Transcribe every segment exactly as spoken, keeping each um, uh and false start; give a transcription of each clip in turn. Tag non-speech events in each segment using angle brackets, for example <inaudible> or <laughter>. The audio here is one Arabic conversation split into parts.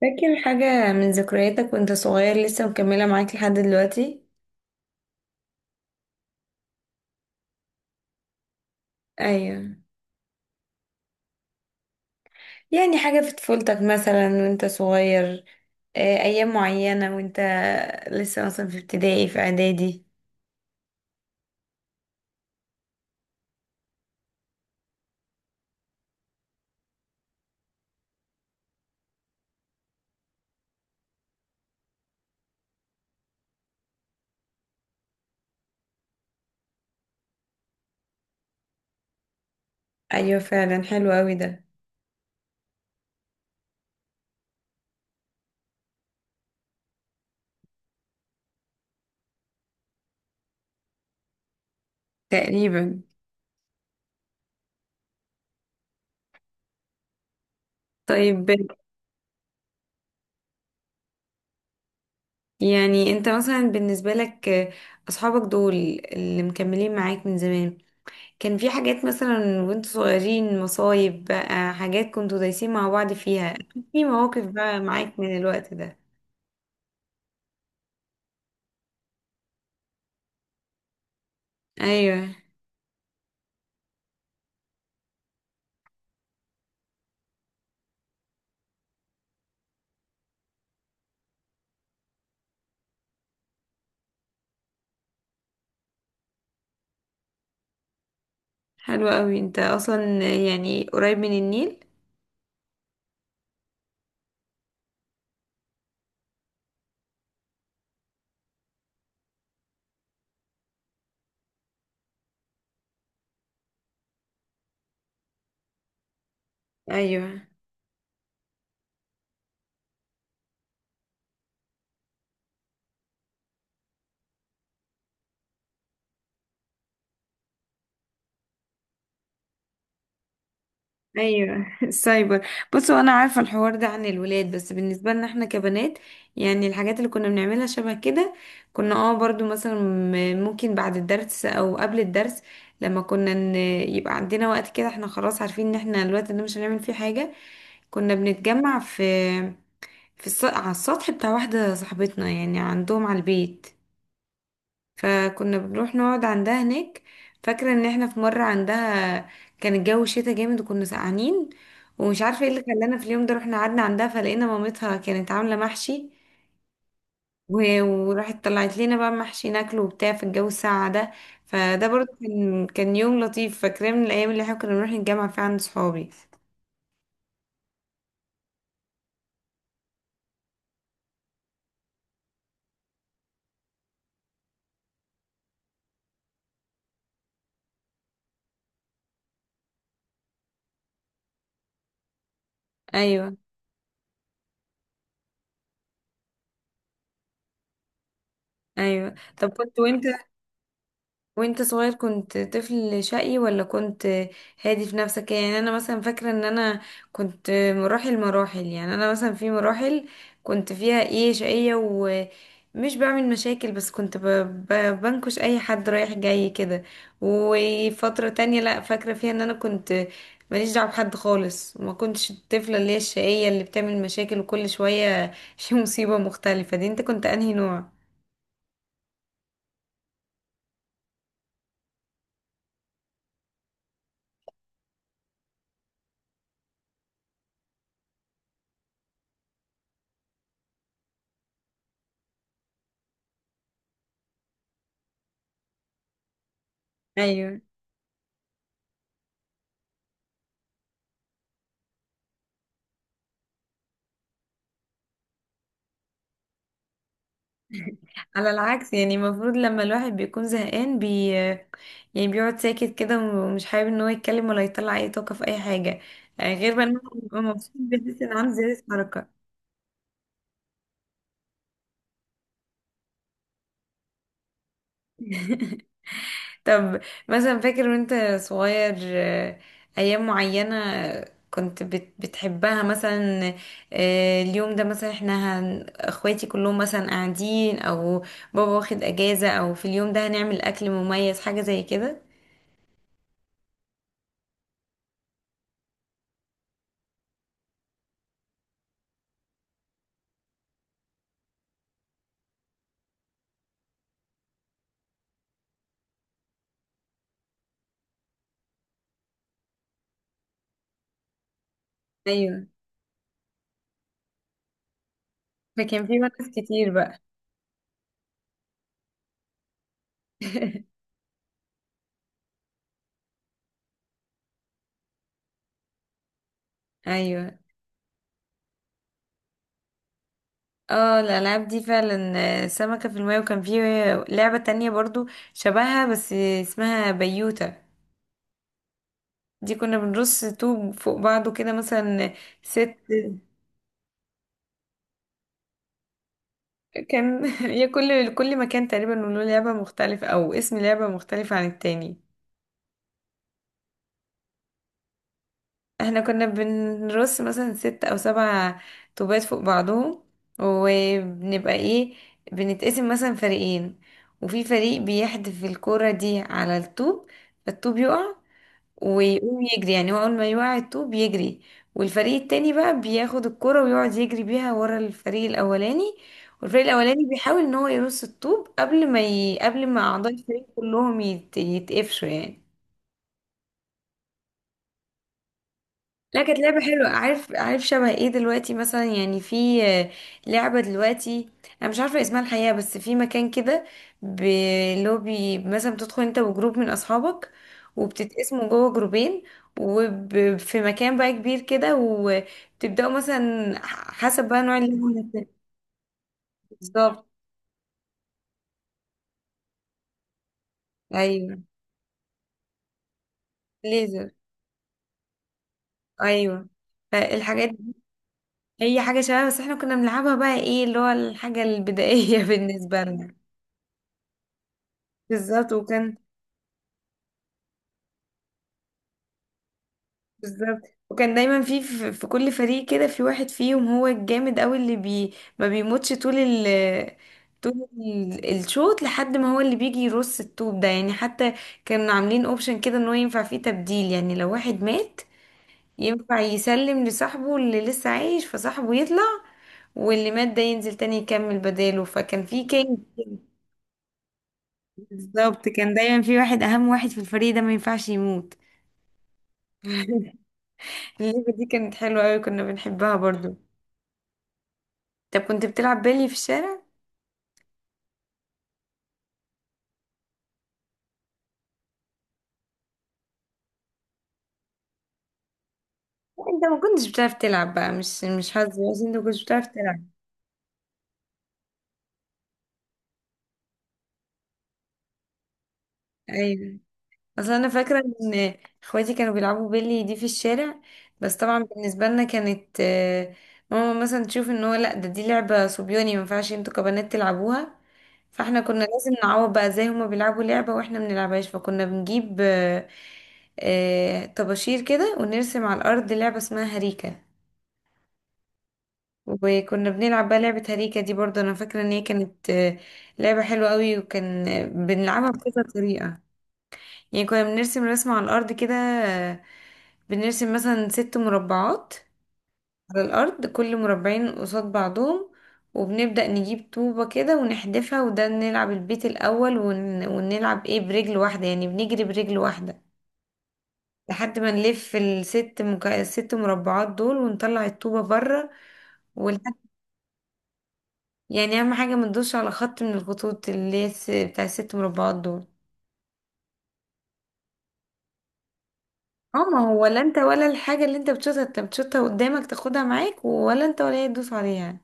فاكر حاجة من ذكرياتك وانت صغير لسه مكملة معاك لحد دلوقتي؟ ايوه. يعني حاجة في طفولتك مثلا وانت صغير. آه، ايام معينة وانت لسه مثلا في ابتدائي في اعدادي. ايوه، فعلا حلو اوي ده. تقريبا. طيب، يعني انت مثلا بالنسبة لك، آه، اصحابك دول اللي مكملين معاك من زمان، كان في حاجات مثلا وانتوا صغيرين؟ مصايب بقى، حاجات كنتوا دايسين مع بعض فيها. في مواقف بقى معاك من الوقت ده؟ ايوه، حلو قوي. انت اصلا يعني قريب من النيل. ايوه، ايوه. <laughs> السايبر. بصوا، انا عارفه الحوار ده عن الولاد، بس بالنسبه لنا احنا كبنات، يعني الحاجات اللي كنا بنعملها شبه كده. كنا، اه، برضو مثلا م- ممكن بعد الدرس او قبل الدرس، لما كنا ن- يبقى عندنا وقت كده، احنا خلاص عارفين ان احنا الوقت ده مش هنعمل فيه حاجه. كنا بنتجمع في في الس... على السطح بتاع واحده صاحبتنا، يعني عندهم على البيت. فكنا بنروح نقعد عندها هناك. فاكرة ان احنا في مرة عندها كان الجو شتا جامد وكنا سقعانين، ومش عارفة ايه اللي خلانا في اليوم ده رحنا قعدنا عندها. فلقينا مامتها كانت عاملة محشي، و- وراحت طلعت لنا بقى محشي ناكله وبتاع في الجو الساقع ده. فده برضه كان كان يوم لطيف، فاكراه من الايام اللي احنا كنا بنروح نتجمع فيها عند صحابي. ايوه، ايوه. طب كنت، وانت وانت صغير كنت طفل شقي ولا كنت هادي في نفسك؟ يعني انا مثلا فاكره ان انا كنت مراحل مراحل. يعني انا مثلا في مراحل كنت فيها ايه، شقيه ومش بعمل مشاكل، بس كنت ب... ب... بنكش اي حد رايح جاي كده. وفتره تانية لا، فاكره فيها ان انا كنت ماليش دعوه بحد خالص، وما كنتش الطفله اللي هي الشقيه اللي بتعمل مشاكل وكل شويه <laughs> في مصيبه مختلفه. دي، انت كنت انهي نوع؟ ايوه. على العكس، يعني المفروض لما الواحد بيكون زهقان بي يعني بيقعد ساكت كده، ومش حابب ان هو يتكلم ولا يطلع اي طاقة في اي حاجة. آه، غير بقى لما بيبقى مبسوط بيحس ان عنده زيادة حركة. طب مثلا فاكر وانت صغير، آه، ايام معينة كنت بت- بتحبها؟ مثلا آه، اليوم ده مثلا احنا هن... اخواتي كلهم مثلا قاعدين، او بابا واخد اجازة، او في اليوم ده هنعمل اكل مميز، حاجة زي كده. ايوه، فكان في ناس كتير بقى. <laughs> ايوه، اه، الالعاب دي فعلا. آه، سمكة في الماء. وكان في لعبة تانية برضو شبهها بس اسمها بيوتا. دي كنا بنرص طوب فوق بعضه كده، مثلا ست. كان <laughs> هي. كل كل مكان تقريبا له لعبة مختلفة او اسم لعبة مختلفة عن التاني. احنا كنا بنرص مثلا ست او سبع طوبات فوق بعضهم، وبنبقى ايه، بنتقسم مثلا فريقين، وفي فريق بيحدف الكرة دي على الطوب، فالطوب يقع ويقوم يجري. يعني هو اول ما يوعي الطوب بيجري، والفريق التاني بقى بياخد الكرة ويقعد يجري بيها ورا الفريق الاولاني. والفريق الاولاني بيحاول ان هو يرص الطوب قبل ما ي... قبل ما اعضاء الفريق كلهم يت... يتقفشوا يعني. لا، كانت لعبة حلوة. عارف عارف شبه ايه دلوقتي مثلا؟ يعني في، آه، لعبة دلوقتي انا مش عارفة اسمها الحقيقة، بس في مكان كده بلوبي مثلا بتدخل انت وجروب من اصحابك، وبتتقسموا جوه جروبين، وفي مكان بقى كبير كده وبتبدأوا مثلا ح- حسب بقى نوع اللعبة اللي هت- بالظبط. ايوه، ليزر. ايوه، فالحاجات دي هي حاجة شبه، بس احنا كنا بنلعبها بقى ايه، اللي هو الحاجة البدائية <laughs> بالنسبة لنا. بالظبط وكان بالظبط وكان دايما في في في كل فريق كده في واحد فيهم هو الجامد قوي اللي بي ما بيموتش طول ال طول ال- الشوط، لحد ما هو اللي بيجي يرص الطوب ده. يعني حتى كانوا عاملين اوبشن كده ان هو ينفع فيه تبديل، يعني لو واحد مات ينفع يسلم لصاحبه اللي لسه عايش فصاحبه يطلع، واللي مات ده ينزل تاني يكمل بداله. فكان في كينج كده. بالظبط، كان دايما في واحد، اهم واحد في الفريق ده ما ينفعش يموت. <laughs> اللعبة دي كانت حلوة قوي، كنا بنحبها برضو. طب كنت بتلعب بيلي في الشارع؟ لا، انت ما كنتش بتعرف تلعب بقى، مش مش حظ، بس انت ما كنتش بتعرف تلعب. ايوه، اصل انا فاكره ان اخواتي كانوا بيلعبوا بيلي دي في الشارع، بس طبعا بالنسبه لنا كانت، آه، ماما مثلا تشوف ان هو، لا، ده، دي لعبه صبياني، ما ينفعش انتوا كبنات تلعبوها. فاحنا كنا لازم نعوض بقى، زي هما بيلعبوا لعبه واحنا ما بنلعبهاش فكنا بنجيب، آه، آه، طباشير كده، ونرسم على الارض لعبه اسمها هريكه. وكنا بنلعب بقى لعبة هريكة دي برضه. أنا فاكرة إن هي كانت آه، لعبة حلوة قوي، وكان آه، بنلعبها بكذا طريقة. يعني كنا بنرسم رسمة على الأرض كده. آه، بنرسم مثلا ست مربعات على الأرض، كل مربعين قصاد بعضهم، وبنبدأ نجيب طوبة كده ونحدفها، وده نلعب البيت الأول، ون... ونلعب إيه، برجل واحدة. يعني بنجري برجل واحدة لحد ما نلف الست مك... الست مربعات دول ونطلع الطوبة بره. يعني اهم حاجه ما تدوش على خط من الخطوط اللي هي الس- بتاع الست مربعات دول. اه، ما هو ولا انت ولا الحاجه اللي انت بتشوطها، انت بتشوطها قدامك تاخدها معاك، ولا انت ولا هي تدوس عليها.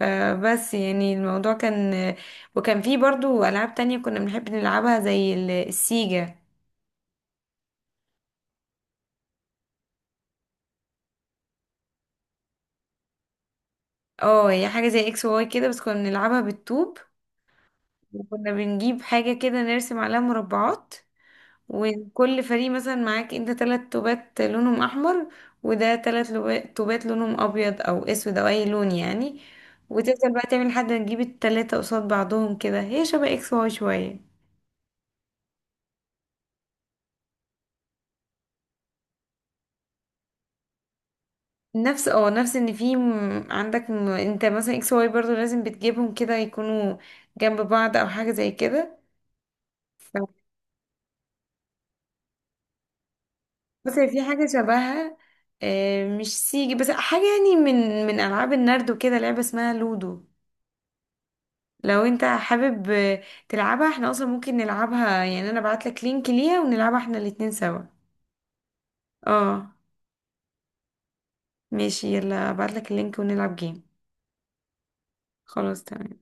فبس، يعني الموضوع كان. وكان فيه برضو العاب تانية كنا بنحب نلعبها زي ال- السيجا. اه، هي حاجه زي اكس واي كده، بس كنا بنلعبها بالطوب. وكنا بنجيب حاجه كده نرسم عليها مربعات، وكل فريق مثلا معاك انت تلات توبات لونهم احمر، وده تلات لو- توبات لونهم ابيض او اسود او اي لون يعني. وتفضل بقى تعمل لحد ما تجيب التلاتة قصاد بعضهم كده. هي شبه اكس واي شوية. نفس اه نفس ان في م- عندك م- انت مثلا اكس واي برضو لازم بتجيبهم كده يكونوا جنب بعض او حاجة زي كده. ف- بس في حاجة شبهها، آه، مش سيجي بس حاجة يعني من من ألعاب النرد وكده، لعبة اسمها لودو. لو انت حابب تلعبها احنا اصلا ممكن نلعبها، يعني انا بعتلك لينك ليها ونلعبها احنا الاتنين سوا. اه، ماشي، يلا بعتلك اللينك ونلعب جيم. خلاص، تمام.